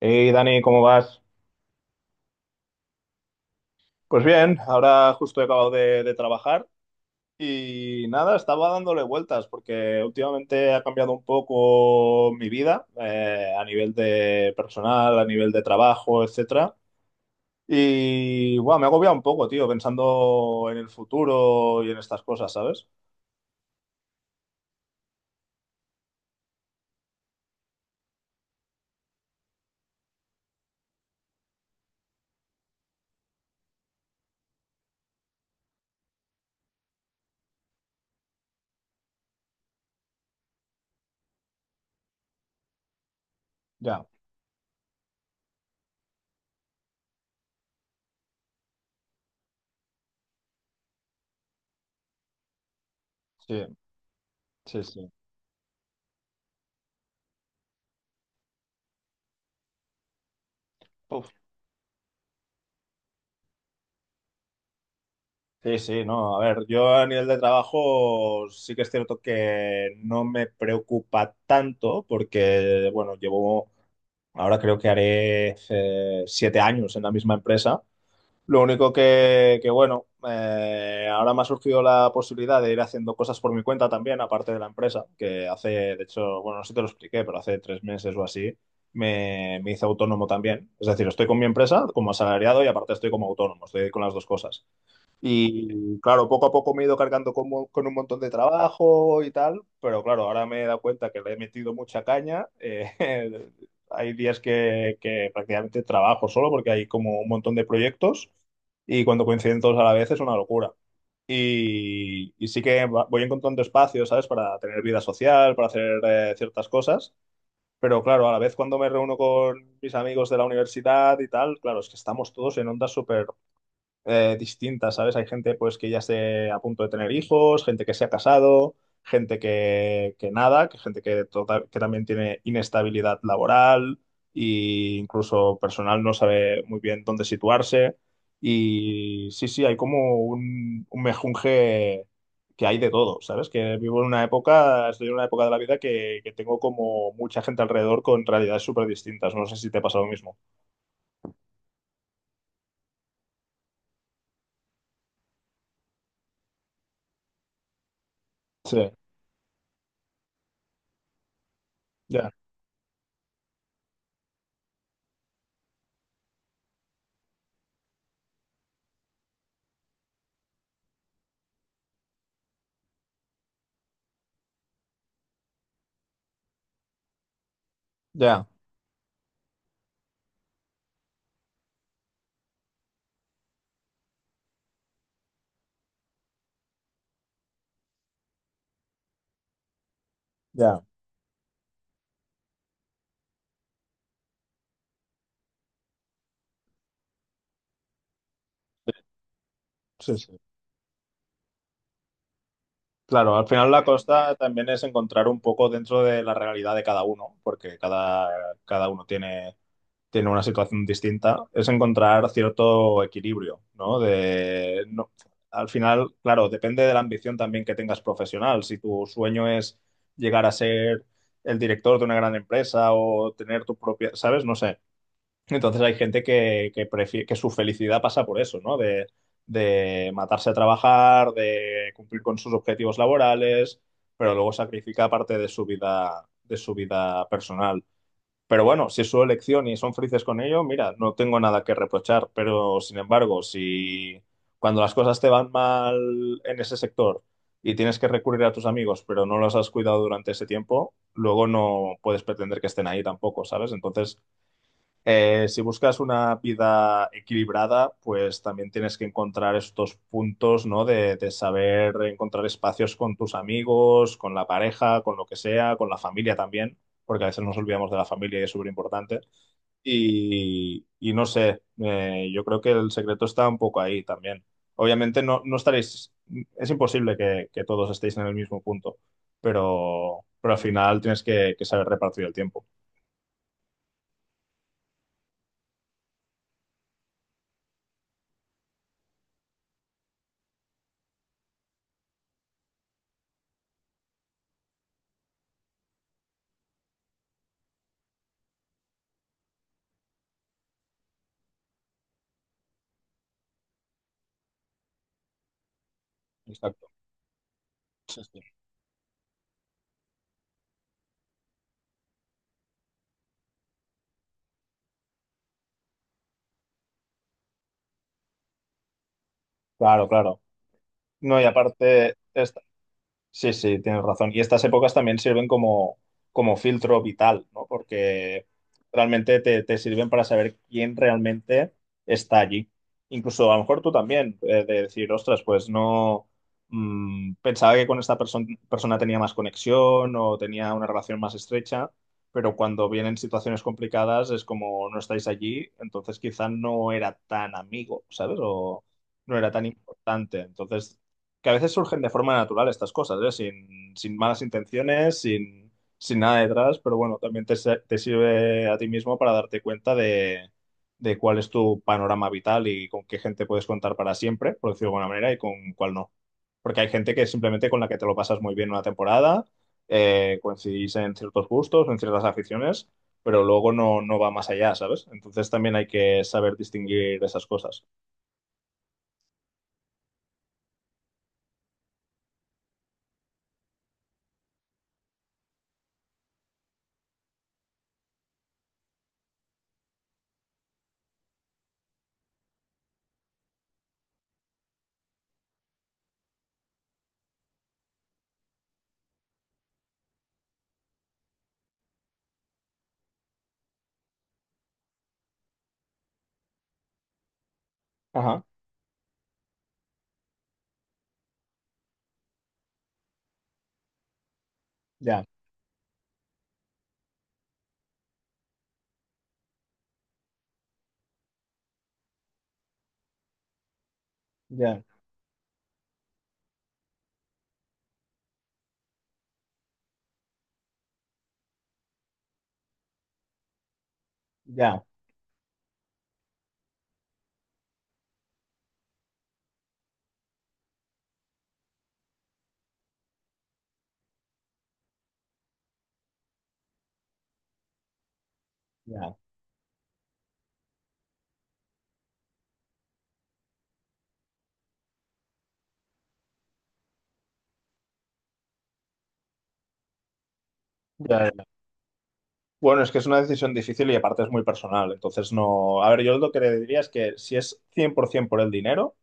Hey Dani, ¿cómo vas? Pues bien, ahora justo he acabado de trabajar y nada, estaba dándole vueltas porque últimamente ha cambiado un poco mi vida, a nivel de personal, a nivel de trabajo, etcétera. Y bueno, me ha agobiado un poco, tío, pensando en el futuro y en estas cosas, ¿sabes? Ya, sí, sí, sí. Uf. Sí, sí, no, a ver, yo a nivel de trabajo sí que es cierto que no me preocupa tanto porque, bueno, llevo. Ahora creo que haré, siete años en la misma empresa. Lo único que bueno, ahora me ha surgido la posibilidad de ir haciendo cosas por mi cuenta también, aparte de la empresa, que hace, de hecho, bueno, no sé si te lo expliqué, pero hace tres meses o así me hice autónomo también. Es decir, estoy con mi empresa como asalariado y aparte estoy como autónomo, estoy con las dos cosas. Y claro, poco a poco me he ido cargando con un montón de trabajo y tal, pero claro, ahora me he dado cuenta que le he metido mucha caña. Hay días que prácticamente trabajo solo porque hay como un montón de proyectos y cuando coinciden todos a la vez es una locura. Y sí que voy encontrando espacios, ¿sabes? Para tener vida social, para hacer, ciertas cosas, pero claro, a la vez cuando me reúno con mis amigos de la universidad y tal, claro, es que estamos todos en ondas súper, distintas, ¿sabes? Hay gente pues que ya esté a punto de tener hijos, gente que se ha casado, gente que nada, que gente que también tiene inestabilidad laboral e incluso personal no sabe muy bien dónde situarse. Y sí, sí, hay como un mejunje que hay de todo, ¿sabes? Que vivo en una época, estoy en una época de la vida que tengo como mucha gente alrededor con realidades súper distintas. No sé si te pasa lo mismo. Sí, ya, ya, ya. Sí, sí. Claro, al final la costa también es encontrar un poco dentro de la realidad de cada uno, porque cada uno tiene una situación distinta, es encontrar cierto equilibrio, ¿no? De, no, al final, claro, depende de la ambición también que tengas profesional. Si tu sueño es llegar a ser el director de una gran empresa o tener tu propia, ¿sabes? No sé. Entonces hay gente que su felicidad pasa por eso, ¿no? De matarse a trabajar, de cumplir con sus objetivos laborales, pero luego sacrifica parte de su vida personal. Pero bueno, si es su elección y son felices con ello, mira, no tengo nada que reprochar. Pero sin embargo, si cuando las cosas te van mal en ese sector y tienes que recurrir a tus amigos, pero no los has cuidado durante ese tiempo, luego no puedes pretender que estén ahí tampoco, ¿sabes? Entonces, si buscas una vida equilibrada, pues también tienes que encontrar estos puntos, ¿no? De saber encontrar espacios con tus amigos, con la pareja, con lo que sea, con la familia también, porque a veces nos olvidamos de la familia y es súper importante. Y no sé, yo creo que el secreto está un poco ahí también. Obviamente no estaréis, es imposible que todos estéis en el mismo punto, pero al final tienes que saber repartir el tiempo. Exacto. Sí, sí. Claro, claro. No, y aparte, sí, sí, tienes razón. Y estas épocas también sirven como filtro vital, ¿no? Porque realmente te sirven para saber quién realmente está allí. Incluso a lo mejor tú también, de decir, ostras, pues no, pensaba que con esta persona tenía más conexión o tenía una relación más estrecha, pero cuando vienen situaciones complicadas es como no estáis allí, entonces quizá no era tan amigo, ¿sabes? O no era tan importante. Entonces que a veces surgen de forma natural estas cosas, ¿eh? Sin malas intenciones, sin nada detrás, pero bueno, también te sirve a ti mismo para darte cuenta de cuál es tu panorama vital y con qué gente puedes contar para siempre, por decirlo de alguna manera, y con cuál no. Porque hay gente que simplemente con la que te lo pasas muy bien una temporada, coincidís en ciertos gustos, en ciertas aficiones, pero luego no va más allá, ¿sabes? Entonces también hay que saber distinguir esas cosas. Ajá, ya, ya, ya, ya. Ya, bueno, es que es una decisión difícil y aparte es muy personal. Entonces, no. A ver, yo lo que le diría es que si es 100% por ciento por el dinero,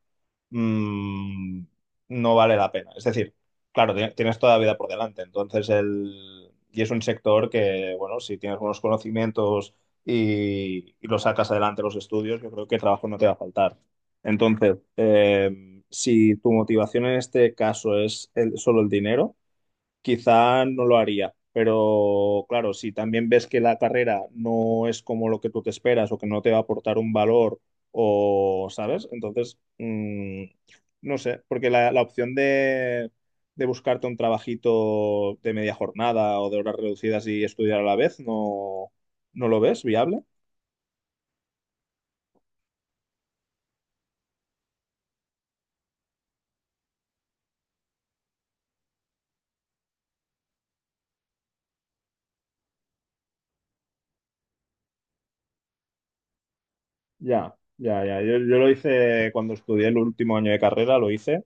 mm, no vale la pena. Es decir, claro, tienes toda la vida por delante. Entonces, y es un sector que, bueno, si tienes buenos conocimientos y lo sacas adelante los estudios, yo creo que trabajo no te va a faltar. Entonces, si tu motivación en este caso es solo el dinero, quizá no lo haría. Pero claro, si también ves que la carrera no es como lo que tú te esperas o que no te va a aportar un valor o, ¿sabes? Entonces, no sé, porque la opción de buscarte un trabajito de media jornada o de horas reducidas y estudiar a la vez, ¿no lo ves viable? Ya, ya, ya. Yo lo hice cuando estudié el último año de carrera, lo hice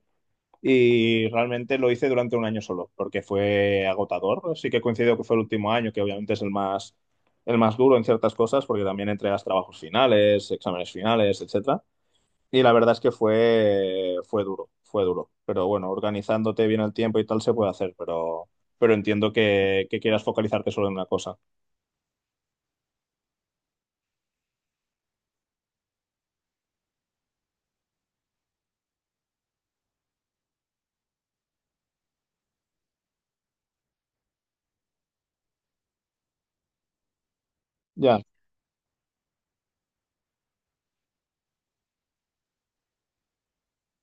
y realmente lo hice durante un año solo, porque fue agotador. Sí que coincido que fue el último año, que obviamente es el más duro en ciertas cosas, porque también entregas trabajos finales, exámenes finales, etcétera. Y la verdad es que fue, fue duro, fue duro. Pero bueno, organizándote bien el tiempo y tal se puede hacer, pero entiendo que quieras focalizarte solo en una cosa. Ya.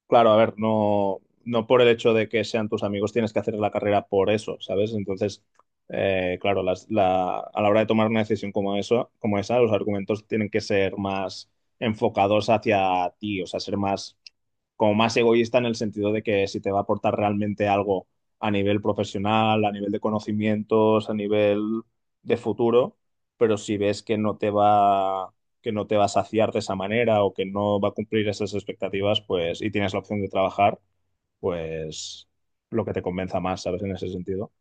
Claro, a ver, no por el hecho de que sean tus amigos tienes que hacer la carrera por eso, ¿sabes? Entonces, claro, a la hora de tomar una decisión como eso, como esa, los argumentos tienen que ser más enfocados hacia ti, o sea, ser más, como más egoísta en el sentido de que si te va a aportar realmente algo a nivel profesional, a nivel de conocimientos, a nivel de futuro, pero si ves que no te va que no te va a saciar de esa manera o que no va a cumplir esas expectativas, pues, y tienes la opción de trabajar, pues lo que te convenza más, ¿sabes? En ese sentido.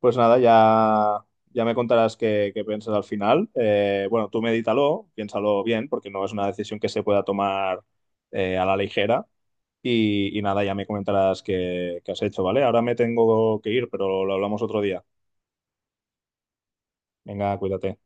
Pues nada, ya me contarás qué piensas al final. Bueno, tú medítalo, piénsalo bien, porque no es una decisión que se pueda tomar, a la ligera. Y nada, ya me comentarás qué has hecho, ¿vale? Ahora me tengo que ir, pero lo hablamos otro día. Venga, cuídate.